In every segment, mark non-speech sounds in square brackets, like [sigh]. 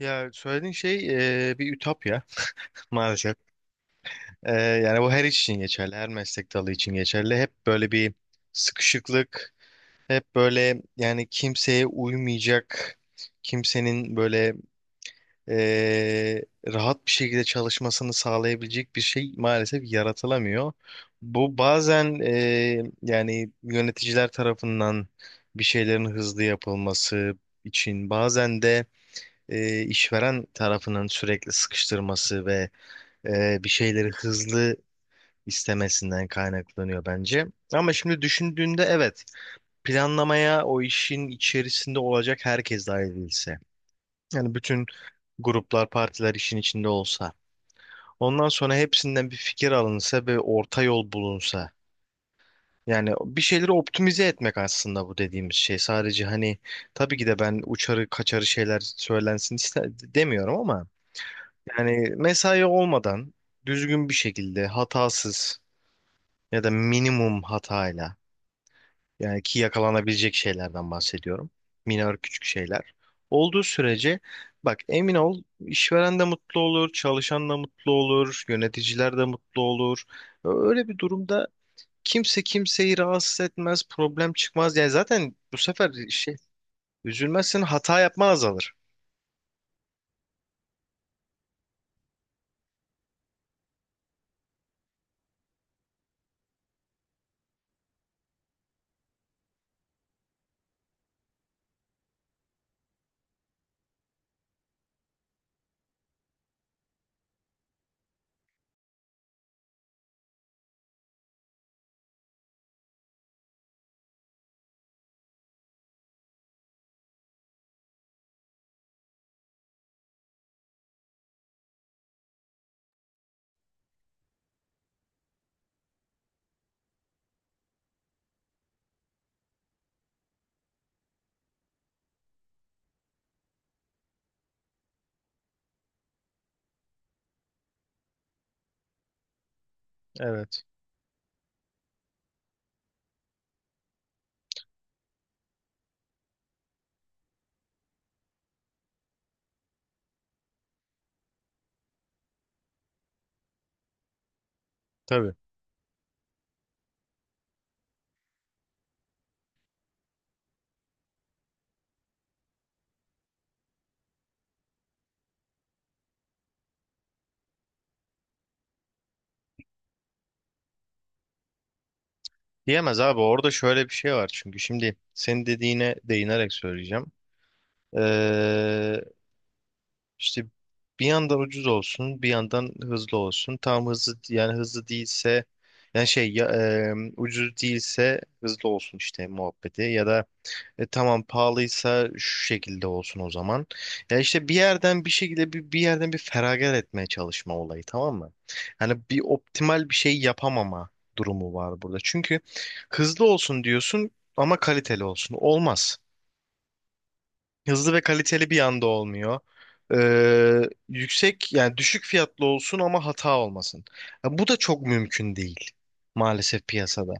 Ya söylediğin şey bir ütopya [laughs] maalesef. Yani bu her iş için geçerli, her meslek dalı için geçerli. Hep böyle bir sıkışıklık, hep böyle yani kimseye uymayacak, kimsenin böyle rahat bir şekilde çalışmasını sağlayabilecek bir şey maalesef yaratılamıyor. Bu bazen yani yöneticiler tarafından bir şeylerin hızlı yapılması için, bazen de işveren tarafının sürekli sıkıştırması ve bir şeyleri hızlı istemesinden kaynaklanıyor bence. Ama şimdi düşündüğünde evet, planlamaya o işin içerisinde olacak herkes dahil edilse. Yani bütün gruplar, partiler işin içinde olsa. Ondan sonra hepsinden bir fikir alınsa ve orta yol bulunsa. Yani bir şeyleri optimize etmek aslında bu dediğimiz şey. Sadece hani tabii ki de ben uçarı kaçarı şeyler söylensin iste demiyorum ama yani mesai olmadan düzgün bir şekilde hatasız ya da minimum hatayla, yani ki yakalanabilecek şeylerden bahsediyorum. Minör küçük şeyler. Olduğu sürece bak, emin ol, işveren de mutlu olur, çalışan da mutlu olur, yöneticiler de mutlu olur. Öyle bir durumda kimse kimseyi rahatsız etmez, problem çıkmaz. Yani zaten bu sefer şey, üzülmezsin, hata yapma azalır. Evet. Tabii. Diyemez abi, orada şöyle bir şey var, çünkü şimdi senin dediğine değinerek söyleyeceğim. Ee, işte bir yandan ucuz olsun, bir yandan hızlı olsun. Tam hızlı, yani hızlı değilse yani şey ya, ucuz değilse hızlı olsun işte muhabbeti, ya da tamam, pahalıysa şu şekilde olsun o zaman. Ya işte bir yerden, bir şekilde bir yerden bir feragat etmeye çalışma olayı, tamam mı? Hani bir optimal bir şey yapamama durumu var burada. Çünkü hızlı olsun diyorsun ama kaliteli olsun. Olmaz. Hızlı ve kaliteli bir anda olmuyor. Ee, yüksek yani düşük fiyatlı olsun ama hata olmasın. Ya bu da çok mümkün değil maalesef piyasada.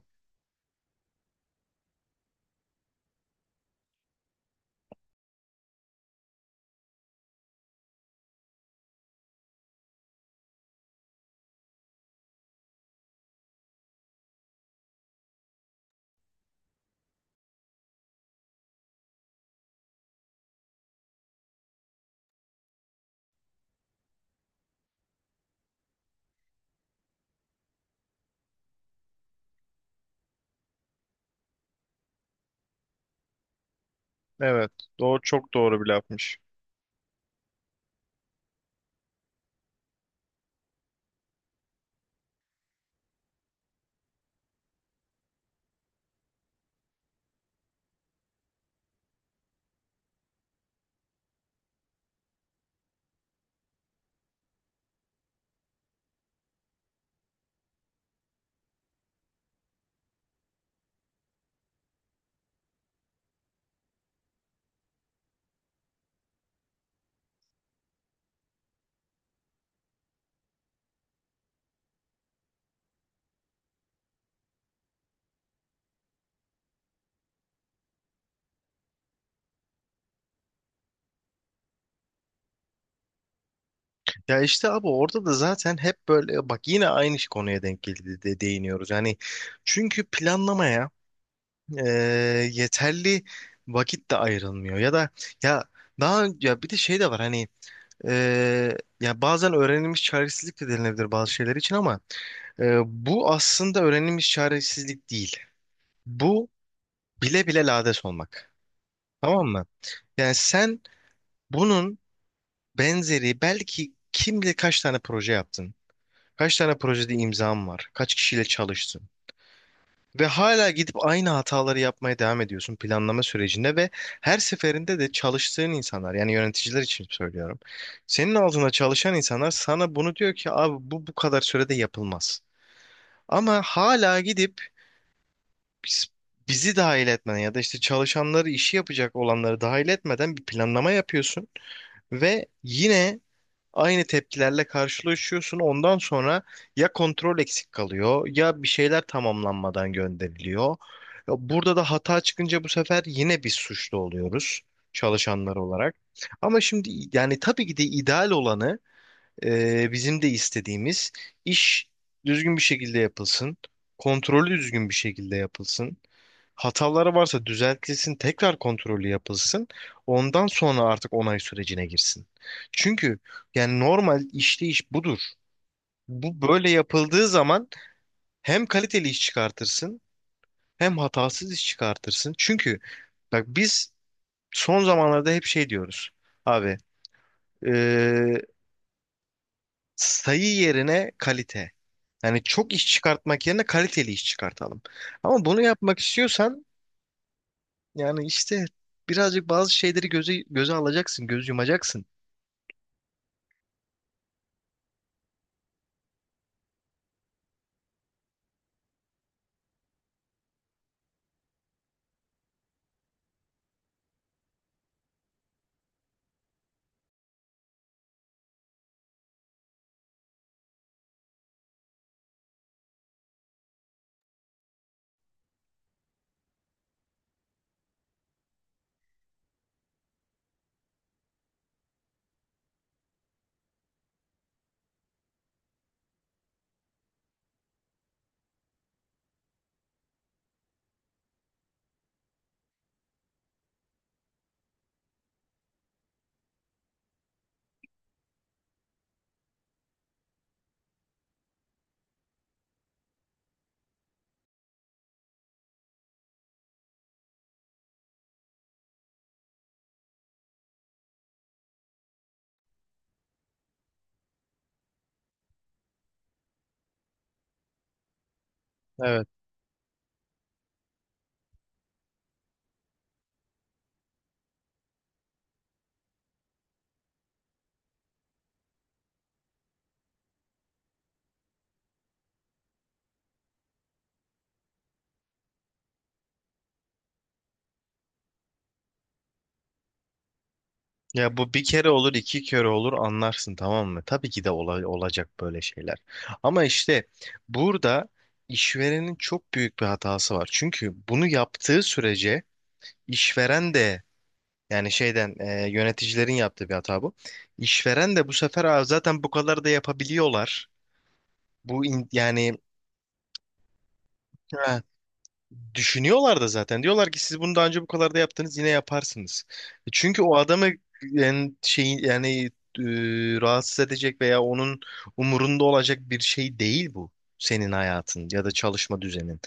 Evet, doğru, çok doğru bir lafmış. Ya işte abi, orada da zaten hep böyle bak, yine aynı konuya denk geldi de değiniyoruz. Yani çünkü planlamaya e, yeterli vakit de ayrılmıyor, ya da ya daha ya bir de şey de var hani, ya bazen öğrenilmiş çaresizlik de denilebilir bazı şeyler için, ama bu aslında öğrenilmiş çaresizlik değil. Bu bile bile lades olmak. Tamam mı? Yani sen bunun benzeri belki kim bilir kaç tane proje yaptın. Kaç tane projede imzam var? Kaç kişiyle çalıştın? Ve hala gidip aynı hataları yapmaya devam ediyorsun planlama sürecinde, ve her seferinde de çalıştığın insanlar, yani yöneticiler için söylüyorum. Senin altında çalışan insanlar sana bunu diyor ki abi, bu kadar sürede yapılmaz. Ama hala gidip biz- bizi dahil etmeden ya da işte çalışanları, işi yapacak olanları dahil etmeden bir planlama yapıyorsun ve yine aynı tepkilerle karşılaşıyorsun. Ondan sonra ya kontrol eksik kalıyor, ya bir şeyler tamamlanmadan gönderiliyor. Ya burada da hata çıkınca bu sefer yine biz suçlu oluyoruz, çalışanlar olarak. Ama şimdi yani tabii ki de ideal olanı, bizim de istediğimiz iş düzgün bir şekilde yapılsın. Kontrolü düzgün bir şekilde yapılsın. Hataları varsa düzeltilsin, tekrar kontrolü yapılsın. Ondan sonra artık onay sürecine girsin. Çünkü yani normal işleyiş budur. Bu böyle yapıldığı zaman hem kaliteli iş çıkartırsın, hem hatasız iş çıkartırsın. Çünkü bak, biz son zamanlarda hep şey diyoruz. Abi, sayı yerine kalite. Yani çok iş çıkartmak yerine kaliteli iş çıkartalım. Ama bunu yapmak istiyorsan yani işte birazcık bazı şeyleri göze alacaksın, göz yumacaksın. Evet. Ya bu bir kere olur, iki kere olur, anlarsın tamam mı? Tabii ki de olacak böyle şeyler. Ama işte burada işverenin çok büyük bir hatası var. Çünkü bunu yaptığı sürece işveren de, yani şeyden yöneticilerin yaptığı bir hata bu. İşveren de bu sefer, "Aa, zaten bu kadar da yapabiliyorlar. Bu Yani ha, düşünüyorlar da zaten. Diyorlar ki siz bunu daha önce bu kadar da yaptınız, yine yaparsınız." Çünkü o adamı yani, rahatsız edecek veya onun umurunda olacak bir şey değil bu. Senin hayatın ya da çalışma düzenin.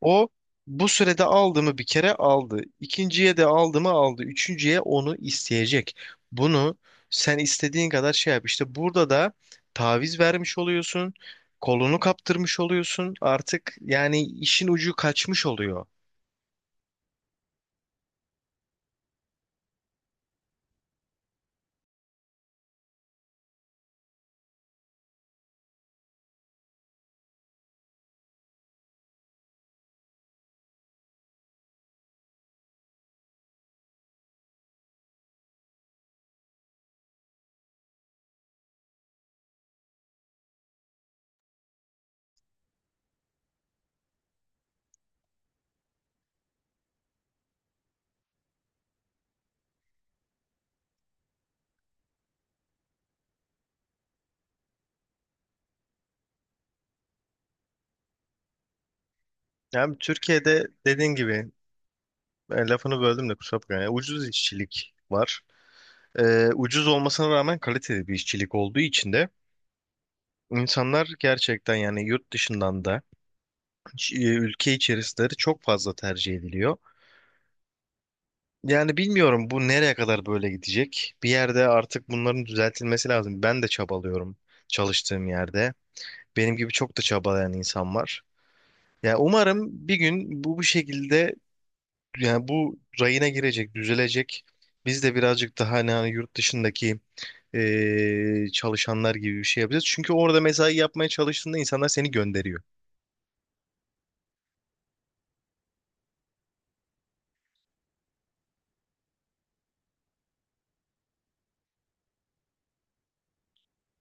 O, bu sürede aldı mı, bir kere aldı. İkinciye de aldı mı, aldı. Üçüncüye onu isteyecek. Bunu sen istediğin kadar şey yap. İşte burada da taviz vermiş oluyorsun. Kolunu kaptırmış oluyorsun. Artık yani işin ucu kaçmış oluyor. Yani Türkiye'de dediğin gibi, lafını böldüm de kusura bakma. Yani ucuz işçilik var. Ucuz olmasına rağmen kaliteli bir işçilik olduğu için de insanlar gerçekten, yani yurt dışından da ülke içerisleri çok fazla tercih ediliyor. Yani bilmiyorum bu nereye kadar böyle gidecek. Bir yerde artık bunların düzeltilmesi lazım. Ben de çabalıyorum çalıştığım yerde. Benim gibi çok da çabalayan insan var. Yani umarım bir gün bu şekilde yani bu rayına girecek, düzelecek. Biz de birazcık daha hani yurt dışındaki çalışanlar gibi bir şey yapacağız. Çünkü orada mesai yapmaya çalıştığında insanlar seni gönderiyor.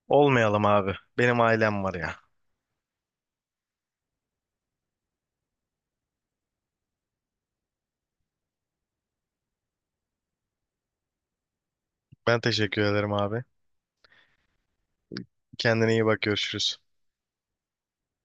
Olmayalım abi. Benim ailem var ya. Ben teşekkür ederim abi. Kendine iyi bak, görüşürüz.